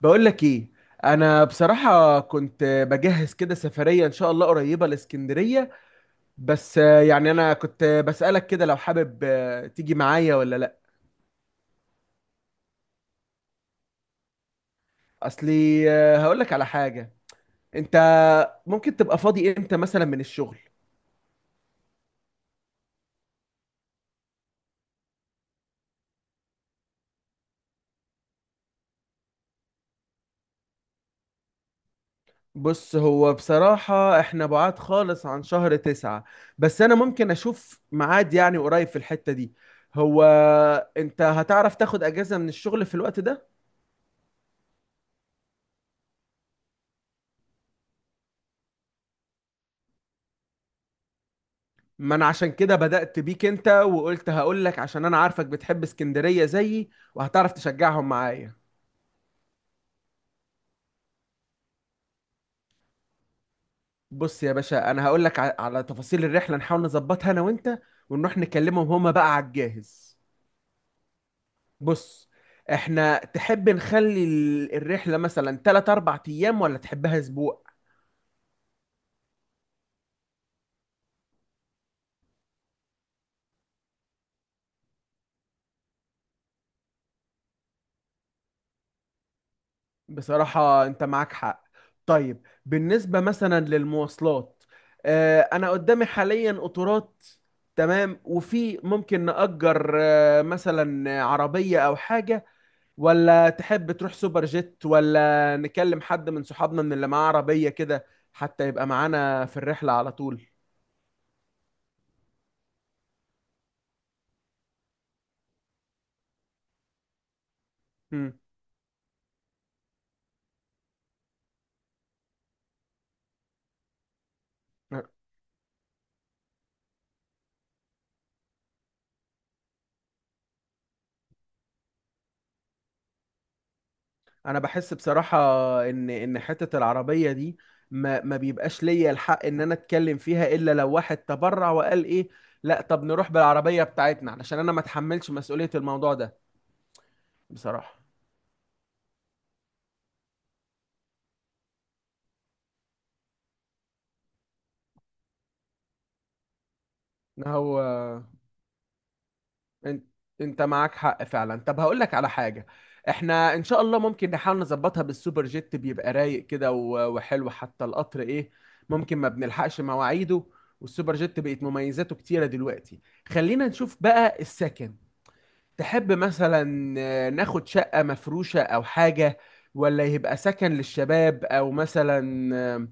بقول لك ايه. انا بصراحة كنت بجهز كده سفرية ان شاء الله قريبة لاسكندرية. بس يعني انا كنت بسألك كده لو حابب، تيجي معايا ولا لا؟ اصلي هقول لك على حاجة. انت ممكن تبقى فاضي امتى مثلا من الشغل؟ بص، هو بصراحة احنا بعاد خالص عن شهر تسعة، بس انا ممكن اشوف ميعاد يعني قريب في الحتة دي. هو انت هتعرف تاخد اجازة من الشغل في الوقت ده؟ ما انا عشان كده بدأت بيك انت وقلت هقول لك، عشان انا عارفك بتحب اسكندرية زيي وهتعرف تشجعهم معايا. بص يا باشا، انا هقول لك على تفاصيل الرحلة نحاول نظبطها انا وانت، ونروح نكلمهم هما بقى على الجاهز. بص، احنا تحب نخلي الرحلة مثلا 3 4 ايام ولا تحبها اسبوع؟ بصراحة أنت معاك حق. طيب بالنسبة مثلا للمواصلات، أنا قدامي حاليا قطارات، تمام، وفي ممكن نأجر مثلا عربية أو حاجة، ولا تحب تروح سوبر جيت، ولا نكلم حد من صحابنا من اللي معاه عربية كده حتى يبقى معانا في الرحلة على طول؟ مم. انا بحس بصراحه ان حته العربيه دي ما بيبقاش ليا الحق ان انا اتكلم فيها الا لو واحد تبرع وقال ايه، لا طب نروح بالعربيه بتاعتنا، علشان انا ما اتحملش مسؤوليه الموضوع ده. بصراحه، إن هو انت انت معاك حق فعلا. طب هقول لك على حاجه. احنا ان شاء الله ممكن نحاول نظبطها بالسوبر جيت، بيبقى رايق كده وحلو. حتى القطر، ايه، ممكن ما بنلحقش مواعيده، والسوبر جيت بقت مميزاته كتيره دلوقتي. خلينا نشوف بقى السكن. تحب مثلا ناخد شقة مفروشة أو حاجة، ولا يبقى سكن للشباب، أو مثلا، آه،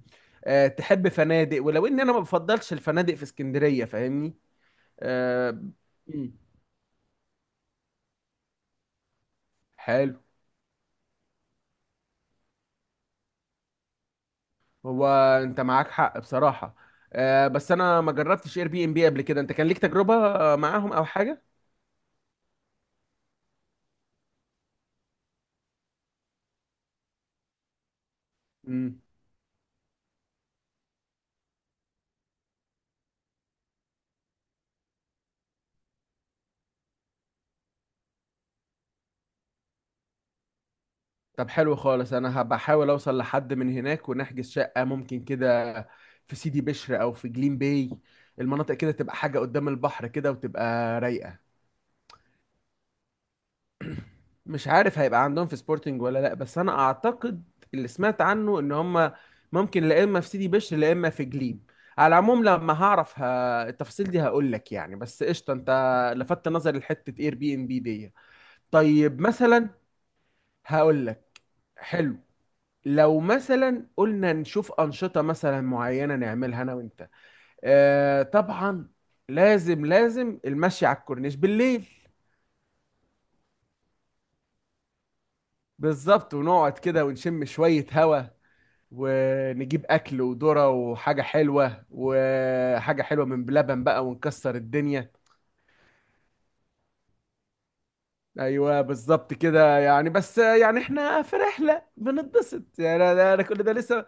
آه، تحب فنادق؟ ولو إن أنا ما بفضلش الفنادق في اسكندرية، فاهمني. آه، مم. حلو. هو أنت معاك حق بصراحة. بس أنا ما جربتش اير بي ام بي قبل كده. أنت كان ليك تجربة معاهم أو حاجة؟ مم. طب حلو خالص. انا هبقى احاول اوصل لحد من هناك ونحجز شقة ممكن كده، في سيدي بشر او في جليم باي، المناطق كده، تبقى حاجة قدام البحر كده وتبقى رايقة. مش عارف هيبقى عندهم في سبورتنج ولا لا، بس انا اعتقد اللي سمعت عنه ان هم ممكن، لا اما في سيدي بشر لا اما في جليم. على العموم لما هعرف التفاصيل دي هقول لك يعني. بس قشطة، انت لفت نظري لحتة اير بي ام بي دي. طيب مثلا هقول لك. حلو، لو مثلا قلنا نشوف أنشطة مثلا معينة نعملها أنا وأنت. آه طبعا. لازم لازم المشي على الكورنيش بالليل. بالظبط، ونقعد كده ونشم شوية هوا، ونجيب أكل وذرة وحاجة حلوة، وحاجة حلوة من بلبن بقى، ونكسر الدنيا. أيوة بالظبط كده يعني. بس يعني إحنا في رحلة بنتبسط، يعني أنا كل ده لسه.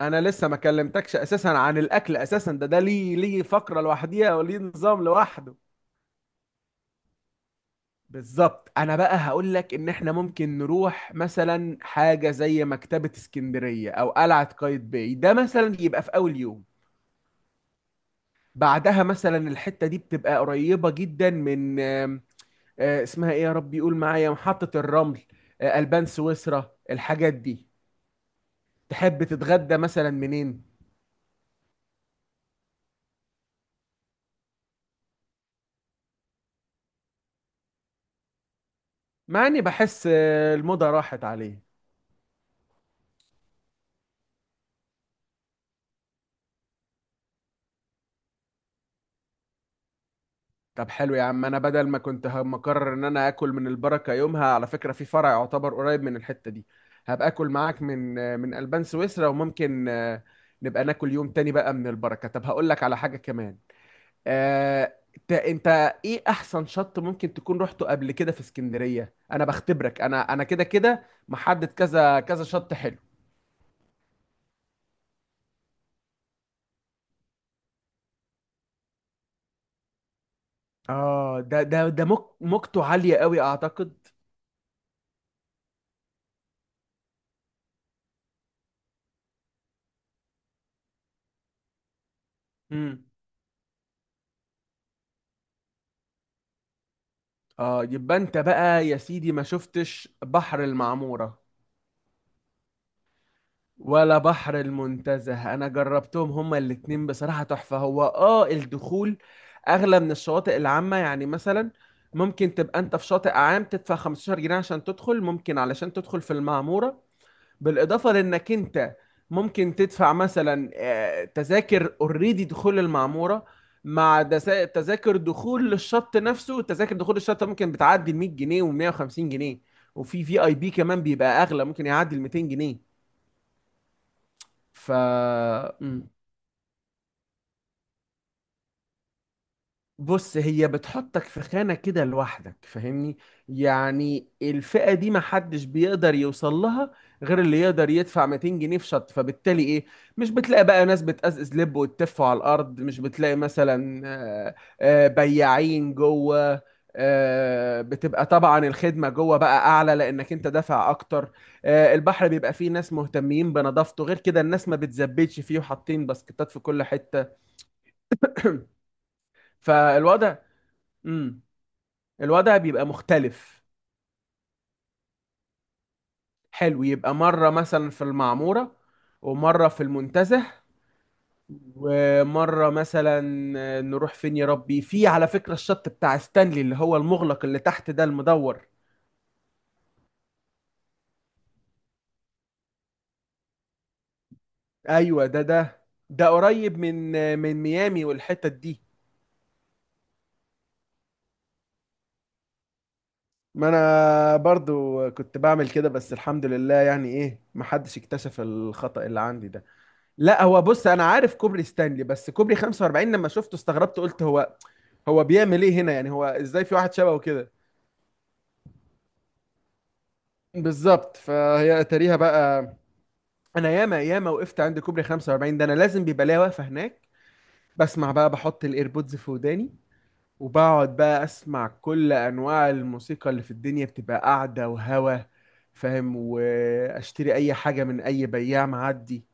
انا لسه ما كلمتكش اساسا عن الاكل، اساسا ده ليه فقره لوحديها وليه نظام لوحده. بالظبط. انا بقى هقول لك ان احنا ممكن نروح مثلا حاجه زي مكتبه اسكندريه او قلعه قايتباي، ده مثلا يبقى في اول يوم. بعدها مثلا الحته دي بتبقى قريبه جدا من، آم، آه، اسمها ايه يا رب يقول معايا، محطه الرمل، البان سويسرا، الحاجات دي. تحب تتغدى مثلا منين؟ مع اني بحس الموضه راحت عليه. طب حلو يا عم. انا بدل ما كنت مقرر ان انا اكل من البركه يومها، على فكره في فرع يعتبر قريب من الحته دي، هبقى اكل معاك من البان سويسرا، وممكن نبقى ناكل يوم تاني بقى من البركه. طب هقول لك على حاجه كمان. آه، انت، ايه احسن شط ممكن تكون رحته قبل كده في اسكندريه؟ انا بختبرك. انا كده كده محدد كذا كذا شط حلو. اه، ده موجته عاليه قوي اعتقد. امم اه، يبقى انت بقى يا سيدي ما شفتش بحر المعموره ولا بحر المنتزه؟ انا جربتهم هما الاتنين، بصراحة تحفة. هو الدخول اغلى من الشواطئ العامة، يعني مثلا ممكن تبقى انت في شاطئ عام تدفع 15 جنيه عشان تدخل، ممكن علشان تدخل في المعمورة، بالاضافة لانك انت ممكن تدفع مثلا، تذاكر، اوريدي دخول المعمورة مع تذاكر دخول للشط نفسه. تذاكر دخول الشط ممكن بتعدي ال 100 جنيه و150 جنيه، وفي في اي بي كمان بيبقى اغلى، ممكن يعدي ال 200 جنيه. ف بص، هي بتحطك في خانة كده لوحدك، فاهمني. يعني الفئة دي محدش بيقدر يوصل لها غير اللي يقدر يدفع 200 جنيه في شط، فبالتالي ايه، مش بتلاقي بقى ناس بتقزقز لب وتتف على الارض، مش بتلاقي مثلا، بياعين جوه، بتبقى طبعا الخدمة جوه بقى اعلى لانك انت دافع اكتر، البحر بيبقى فيه ناس مهتمين بنظافته، غير كده الناس ما بتزبدش فيه وحاطين باسكتات في كل حتة. فالوضع، امم الوضع بيبقى مختلف. حلو، يبقى مرة مثلا في المعمورة، ومرة في المنتزه، ومرة مثلا نروح فين يا ربي. في، على فكرة، الشط بتاع ستانلي اللي هو المغلق اللي تحت ده المدور. ايوه، ده قريب من ميامي والحتت دي. ما انا برضو كنت بعمل كده، بس الحمد لله، يعني ايه، محدش اكتشف الخطأ اللي عندي ده. لا، هو بص، انا عارف كوبري ستانلي، بس كوبري 45 لما شفته استغربت، قلت هو بيعمل ايه هنا يعني، هو ازاي في واحد شبهه كده. بالظبط، فهي اتاريها بقى. انا ياما ياما وقفت عند كوبري 45 ده، انا لازم بيبقى ليا واقفه هناك، بسمع بقى، بحط الايربودز في وداني، وبقعد بقى اسمع كل انواع الموسيقى اللي في الدنيا، بتبقى قاعده وهوا، فاهم، واشتري اي حاجه من اي بياع معدي.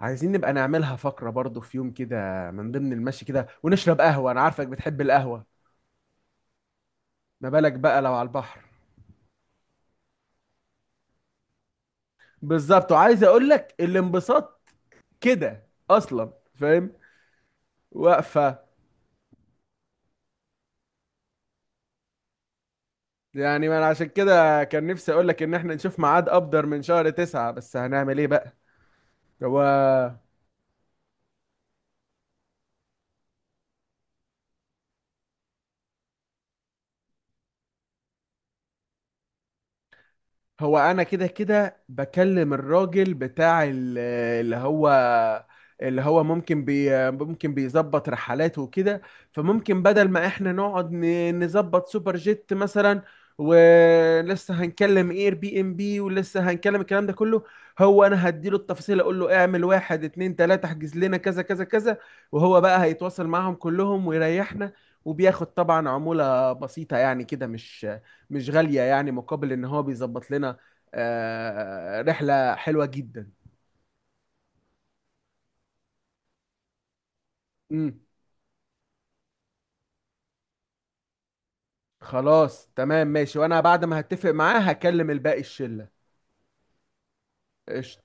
عايزين نبقى نعملها فقره برضو في يوم كده، من ضمن المشي كده، ونشرب قهوه، انا عارفك بتحب القهوه. ما بالك بقى لو على البحر. بالظبط، وعايز اقول لك الانبساط كده اصلا، فاهم، واقفه. يعني ما انا عشان كده كان نفسي اقول لك ان احنا نشوف ميعاد ابدر من شهر تسعة، بس هنعمل ايه بقى. هو هو انا كده كده بكلم الراجل بتاع اللي هو اللي هو ممكن بي ممكن بيظبط رحلات وكده. فممكن بدل ما احنا نقعد نظبط سوبر جيت مثلا، ولسه هنكلم اير بي ام بي، ولسه هنكلم الكلام ده كله. هو انا هديله التفاصيل، اقول له اعمل واحد اتنين تلاتة، احجز لنا كذا كذا كذا، وهو بقى هيتواصل معهم كلهم ويريحنا، وبياخد طبعا عمولة بسيطة يعني، كده مش غالية يعني، مقابل ان هو بيظبط لنا رحلة حلوة جدا. امم خلاص تمام ماشي، وانا بعد ما هتفق معاه هكلم الباقي الشلة. قشطة.